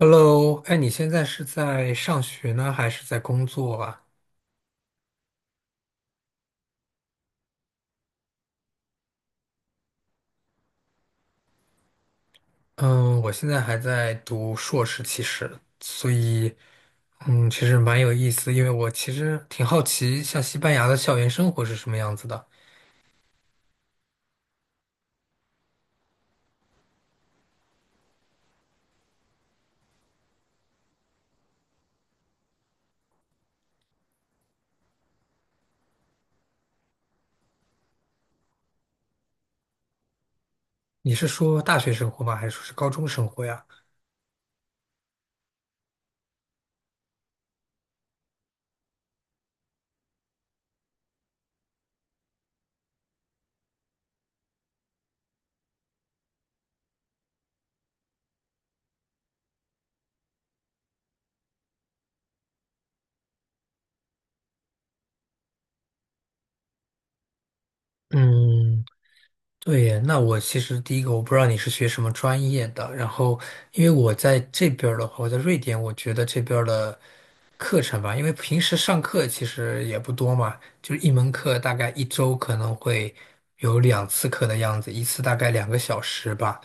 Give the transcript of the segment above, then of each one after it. Hello，哎，你现在是在上学呢，还是在工作啊？嗯，我现在还在读硕士，其实，所以，其实蛮有意思，因为我其实挺好奇，像西班牙的校园生活是什么样子的。你是说大学生活吗？还是说是高中生活呀？嗯。对耶，那我其实第一个我不知道你是学什么专业的，然后因为我在这边儿的话，我在瑞典，我觉得这边儿的课程吧，因为平时上课其实也不多嘛，就是一门课大概一周可能会有两次课的样子，一次大概两个小时吧。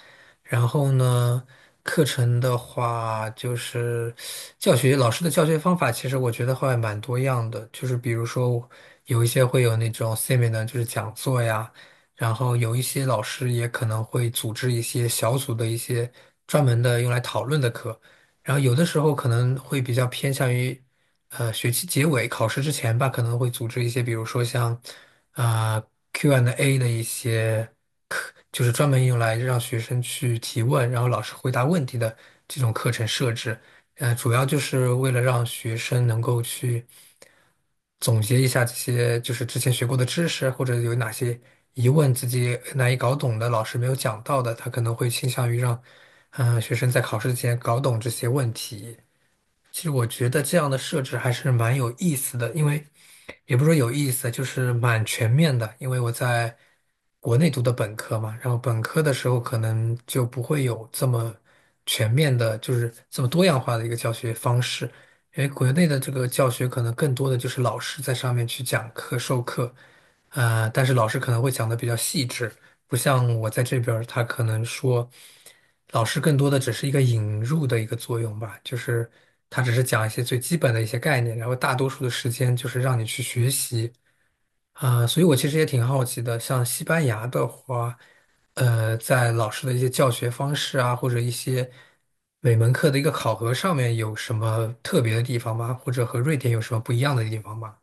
然后呢，课程的话就是教学老师的教学方法，其实我觉得会蛮多样的，就是比如说有一些会有那种 seminar，就是讲座呀。然后有一些老师也可能会组织一些小组的一些专门的用来讨论的课，然后有的时候可能会比较偏向于，学期结尾考试之前吧，可能会组织一些，比如说像，啊、Q&A n d A 的一些。就是专门用来让学生去提问，然后老师回答问题的这种课程设置。主要就是为了让学生能够去总结一下这些就是之前学过的知识，或者有哪些疑问自己难以搞懂的，老师没有讲到的，他可能会倾向于让学生在考试之前搞懂这些问题。其实我觉得这样的设置还是蛮有意思的，因为也不是说有意思，就是蛮全面的。因为我在国内读的本科嘛，然后本科的时候可能就不会有这么全面的，就是这么多样化的一个教学方式。因为国内的这个教学可能更多的就是老师在上面去讲课、授课，但是老师可能会讲的比较细致，不像我在这边儿他可能说，老师更多的只是一个引入的一个作用吧，就是他只是讲一些最基本的一些概念，然后大多数的时间就是让你去学习所以我其实也挺好奇的，像西班牙的话，在老师的一些教学方式啊，或者一些每门课的一个考核上面有什么特别的地方吗？或者和瑞典有什么不一样的地方吗？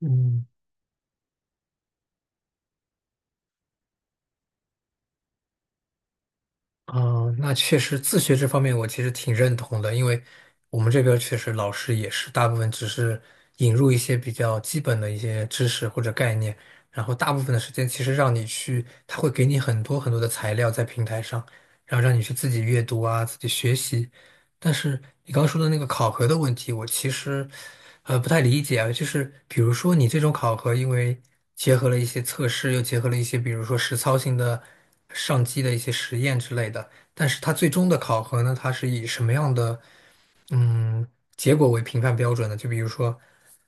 嗯。哦，那确实，自学这方面我其实挺认同的，因为我们这边儿确实老师也是大部分只是引入一些比较基本的一些知识或者概念，然后大部分的时间其实让你去，他会给你很多很多的材料在平台上，然后让你去自己阅读啊，自己学习。但是你刚刚说的那个考核的问题，我其实不太理解啊。就是比如说你这种考核，因为结合了一些测试，又结合了一些比如说实操性的上机的一些实验之类的，但是它最终的考核呢，它是以什么样的嗯结果为评判标准呢？就比如说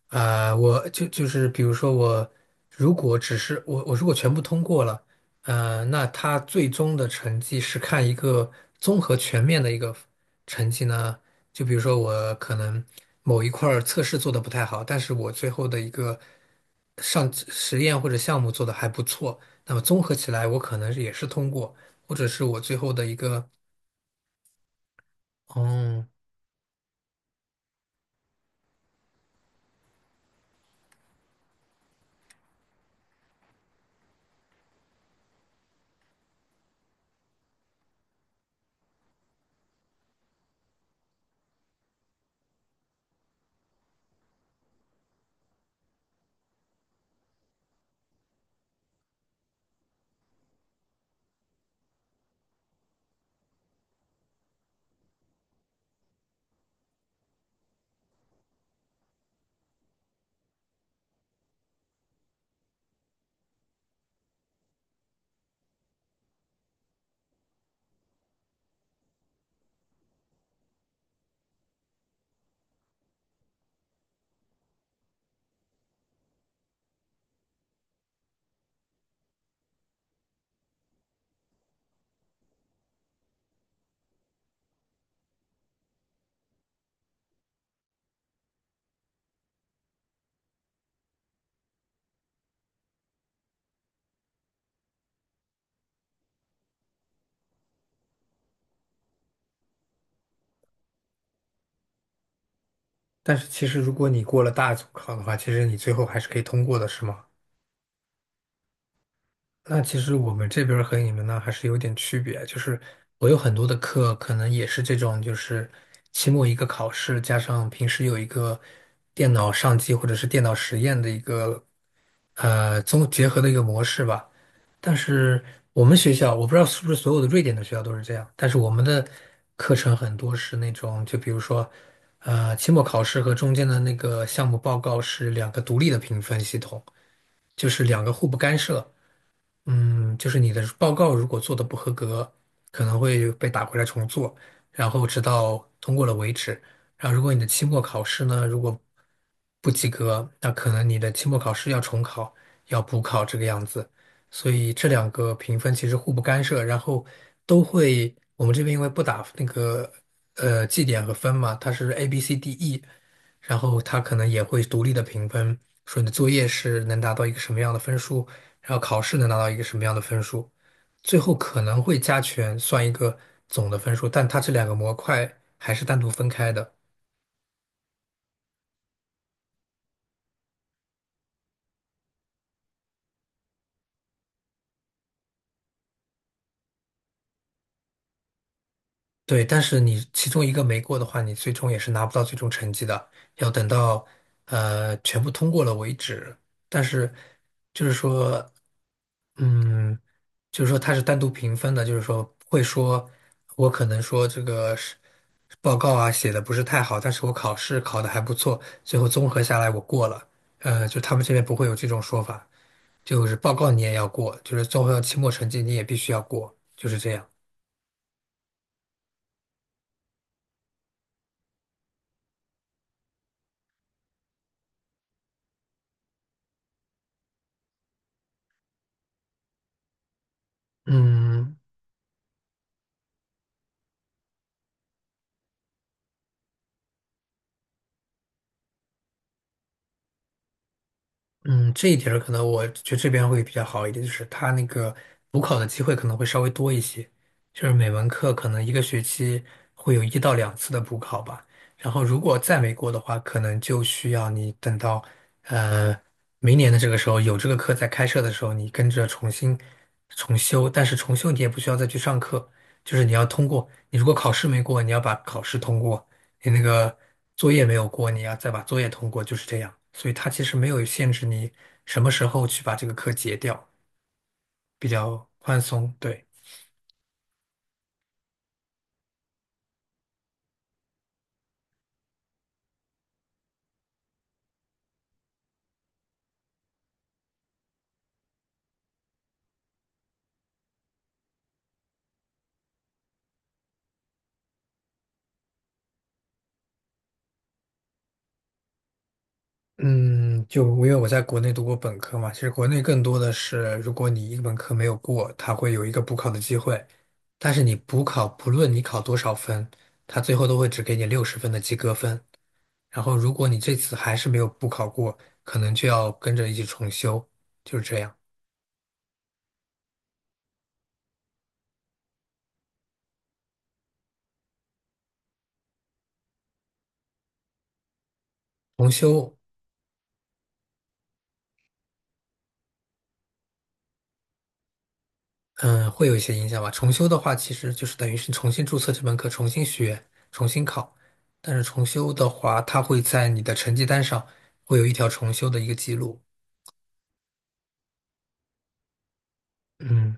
我就是比如说我如果只是我如果全部通过了。那他最终的成绩是看一个综合全面的一个成绩呢？就比如说我可能某一块儿测试做的不太好，但是我最后的一个上实验或者项目做的还不错，那么综合起来我可能也是通过，或者是我最后的一个，嗯，但是其实如果你过了大组考的话，其实你最后还是可以通过的，是吗？那其实我们这边儿和你们呢还是有点区别，就是我有很多的课可能也是这种，就是期末一个考试，加上平时有一个电脑上机或者是电脑实验的一个结合的一个模式吧。但是我们学校，我不知道是不是所有的瑞典的学校都是这样，但是我们的课程很多是那种，就比如说期末考试和中间的那个项目报告是两个独立的评分系统，就是两个互不干涉。嗯，就是你的报告如果做的不合格，可能会被打回来重做，然后直到通过了为止。然后如果你的期末考试呢，如果不及格，那可能你的期末考试要重考，要补考这个样子。所以这两个评分其实互不干涉，然后都会，我们这边因为不打那个绩点和分嘛，它是 A、B、C、D、E，然后他可能也会独立的评分，说你的作业是能达到一个什么样的分数，然后考试能拿到一个什么样的分数，最后可能会加权算一个总的分数，但它这两个模块还是单独分开的。对，但是你其中一个没过的话，你最终也是拿不到最终成绩的，要等到全部通过了为止。但是就是说。嗯，就是说它是单独评分的，就是说会说，我可能说这个是报告啊写的不是太好，但是我考试考的还不错，最后综合下来我过了。就他们这边不会有这种说法，就是报告你也要过，就是综合期末成绩你也必须要过，就是这样。嗯，嗯，这一点儿可能我觉得这边会比较好一点，就是它那个补考的机会可能会稍微多一些，就是每门课可能一个学期会有一到两次的补考吧。然后如果再没过的话，可能就需要你等到呃明年的这个时候有这个课在开设的时候，你跟着重新重修，但是重修你也不需要再去上课，就是你要通过，你如果考试没过，你要把考试通过；你那个作业没有过，你要再把作业通过，就是这样。所以它其实没有限制你什么时候去把这个课结掉，比较宽松。对，嗯，就因为我在国内读过本科嘛，其实国内更多的是，如果你一个本科没有过，它会有一个补考的机会，但是你补考，不论你考多少分，它最后都会只给你60分的及格分。然后如果你这次还是没有补考过，可能就要跟着一起重修，就是这样。重修。嗯，会有一些影响吧。重修的话，其实就是等于是重新注册这门课，重新学，重新考。但是重修的话，它会在你的成绩单上会有一条重修的一个记录。嗯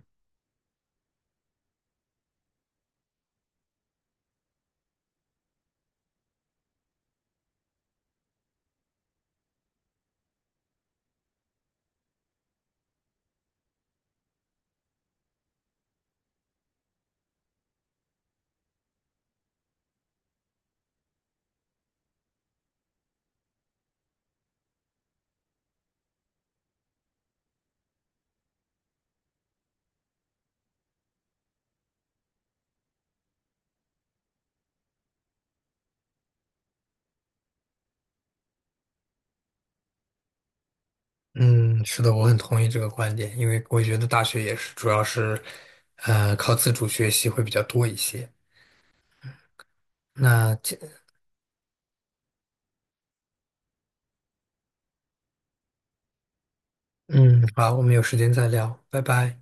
嗯，是的，我很同意这个观点，因为我觉得大学也是主要是，靠自主学习会比较多一些。那这，嗯，好，我们有时间再聊，拜拜。